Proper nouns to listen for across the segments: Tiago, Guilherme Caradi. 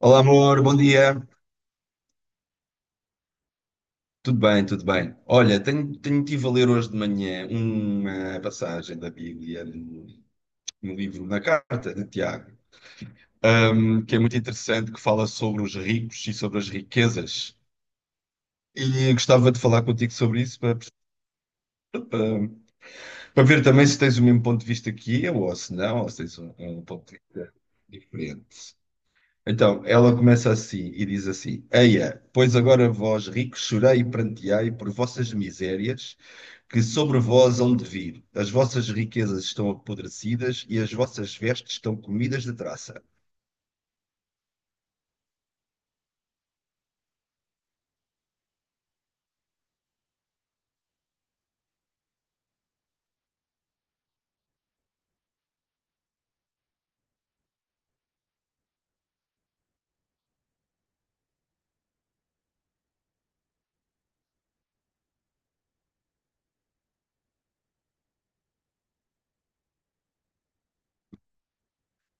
Olá, amor, bom dia. Tudo bem, tudo bem. Olha, tenho, tenho tive a ler hoje de manhã uma passagem da Bíblia no livro, na carta de Tiago, que é muito interessante, que fala sobre os ricos e sobre as riquezas. E gostava de falar contigo sobre isso para, para ver também se tens o mesmo ponto de vista que eu, ou se não, ou se tens um ponto de vista diferente. Então, ela começa assim e diz assim: Eia, pois agora vós ricos chorai e pranteai por vossas misérias que sobre vós hão de vir. As vossas riquezas estão apodrecidas e as vossas vestes estão comidas de traça.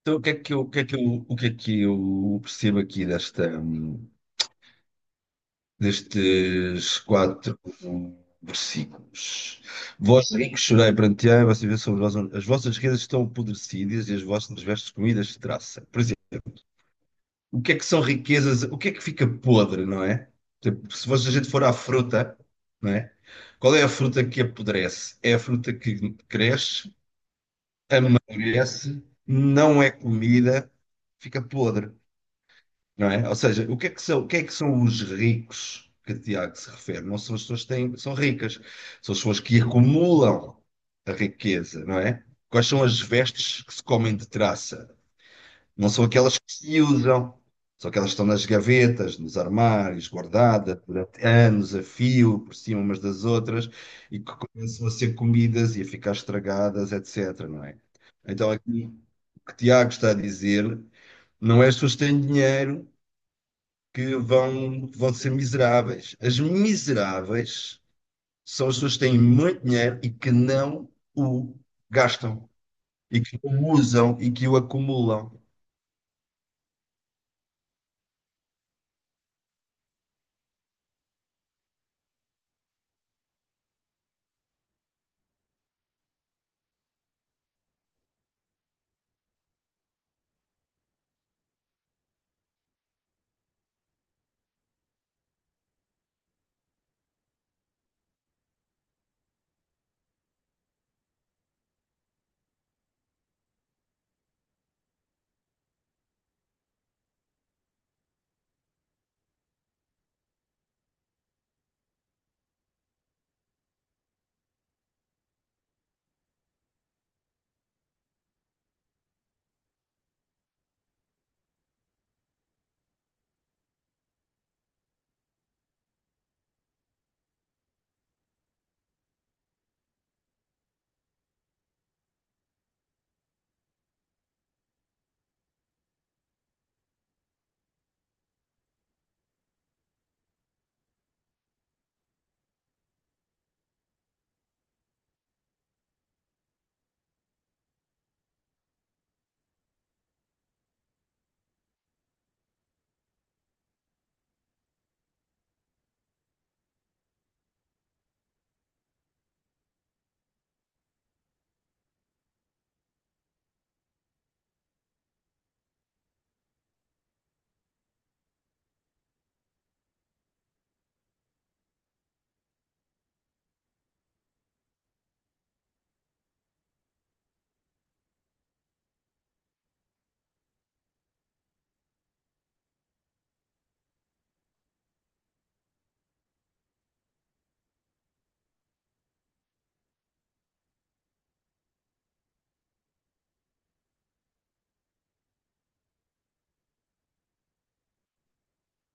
Então, o que é que eu, o que é que eu, o que é que eu percebo aqui destes quatro versículos? Vós ricos chorai perante a e vocês vê sobre vós as vossas riquezas estão apodrecidas e as vossas vestes comidas de traça. Por exemplo, o que é que são riquezas, o que é que fica podre, não é? Tipo, se fosse- a gente for à fruta, não é? Qual é a fruta que apodrece? É a fruta que cresce, amadurece, não é comida, fica podre, não é? Ou seja, o que é que são os ricos que Tiago se refere? Não são as pessoas que têm, são ricas, são as pessoas que acumulam a riqueza, não é? Quais são as vestes que se comem de traça? Não são aquelas que se usam, são aquelas que estão nas gavetas, nos armários, guardadas durante anos a fio, por cima umas das outras, e que começam a ser comidas e a ficar estragadas, etc. Não é? Então, aqui o que Tiago está a dizer não é as pessoas que têm dinheiro que vão ser miseráveis. As miseráveis são as pessoas que têm muito dinheiro e que não o gastam, e que o usam e que o acumulam.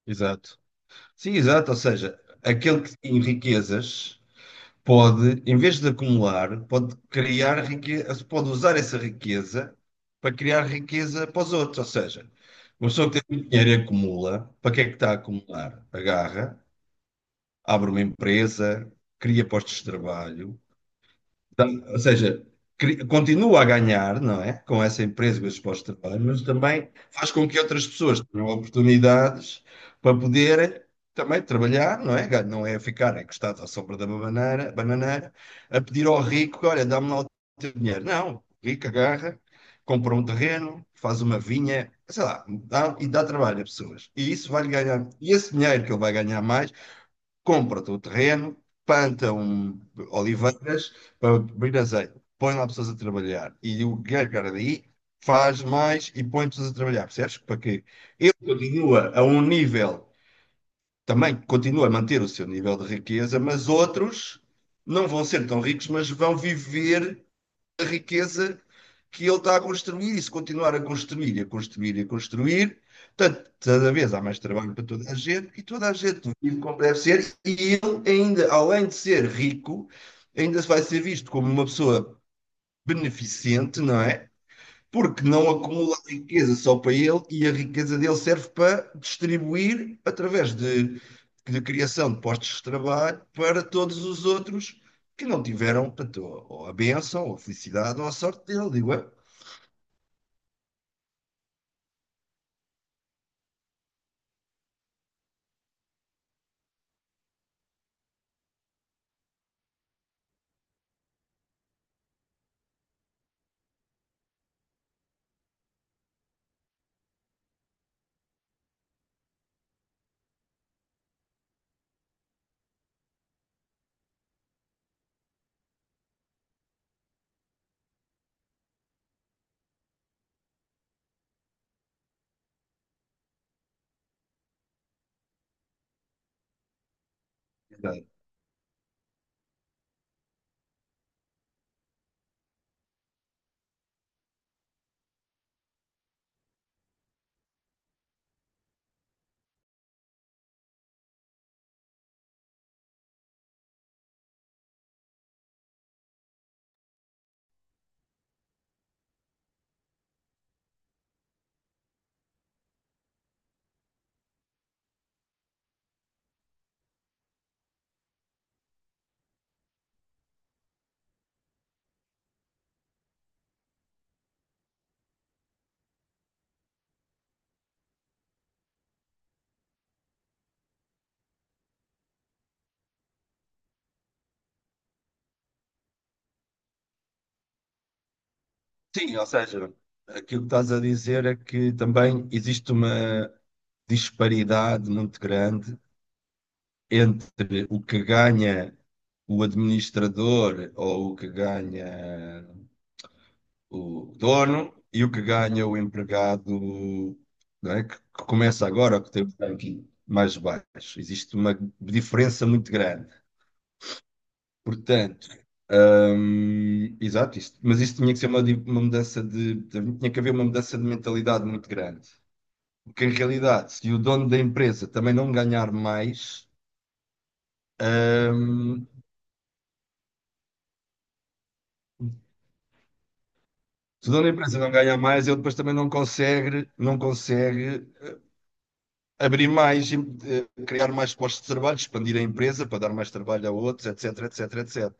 Exato. Sim, exato. Ou seja, aquele que tem riquezas pode, em vez de acumular, pode criar riqueza, pode usar essa riqueza para criar riqueza para os outros. Ou seja, uma pessoa que tem muito dinheiro e acumula, para que é que está a acumular? Agarra, abre uma empresa, cria postos de trabalho. Ou seja, continua a ganhar, não é? Com essa empresa, com esses postos de trabalho, mas também faz com que outras pessoas tenham oportunidades para poderem também trabalhar, não é? Não é ficar encostado à sombra da bananeira, a pedir ao rico, olha, dá-me lá o teu dinheiro. Não, o rico agarra, compra um terreno, faz uma vinha, sei lá, e dá trabalho a pessoas. E isso vai-lhe ganhar. E esse dinheiro que ele vai ganhar mais, compra o terreno, planta um oliveiras para abrir azeite, põe lá pessoas a trabalhar e o Guilherme Caradi faz mais e põe pessoas a trabalhar, percebes? Para que ele continua a um nível, também continua a manter o seu nível de riqueza, mas outros não vão ser tão ricos, mas vão viver a riqueza que ele está a construir e se continuar a construir e a construir e a construir, portanto, cada vez há mais trabalho para toda a gente e toda a gente vive como deve ser e ele ainda, além de ser rico, ainda vai ser visto como uma pessoa beneficente, não é? Porque não acumula riqueza só para ele e a riqueza dele serve para distribuir através de criação de postos de trabalho para todos os outros que não tiveram, portanto, ou a bênção, ou a felicidade, ou a sorte dele, digo eu. Exato. Sim, ou seja, aquilo que estás a dizer é que também existe uma disparidade muito grande entre o que ganha o administrador ou o que ganha o dono e o que ganha o empregado, não é? Que começa agora, que tem um ranking mais baixo. Existe uma diferença muito grande. Portanto, exato, isto, mas isso tinha que ser uma mudança. Tinha que haver uma mudança de mentalidade muito grande. Porque, em realidade, se o dono da empresa também não ganhar mais, hum, se o dono da empresa não ganhar mais, ele depois também não consegue, não consegue abrir mais, criar mais postos de trabalho, expandir a empresa para dar mais trabalho a outros, etc, etc, etc.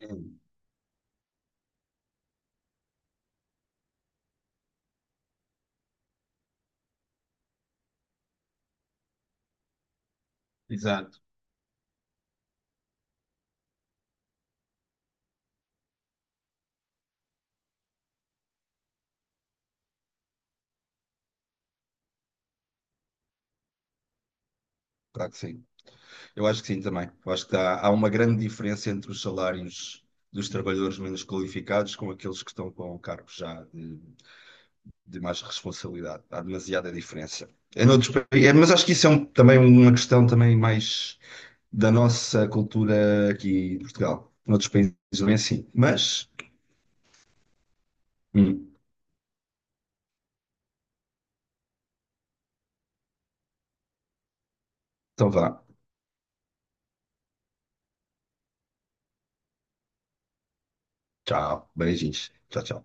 Hum. Exato. Claro que sim. Eu acho que sim também. Eu acho que há uma grande diferença entre os salários dos trabalhadores menos qualificados com aqueles que estão com cargos já de mais responsabilidade. Há demasiada diferença. É, mas acho que isso é também uma questão também mais da nossa cultura aqui em Portugal. Noutros países não é assim. Mas, hum, então vá. Tchau. Beijinhos. Tchau, tchau.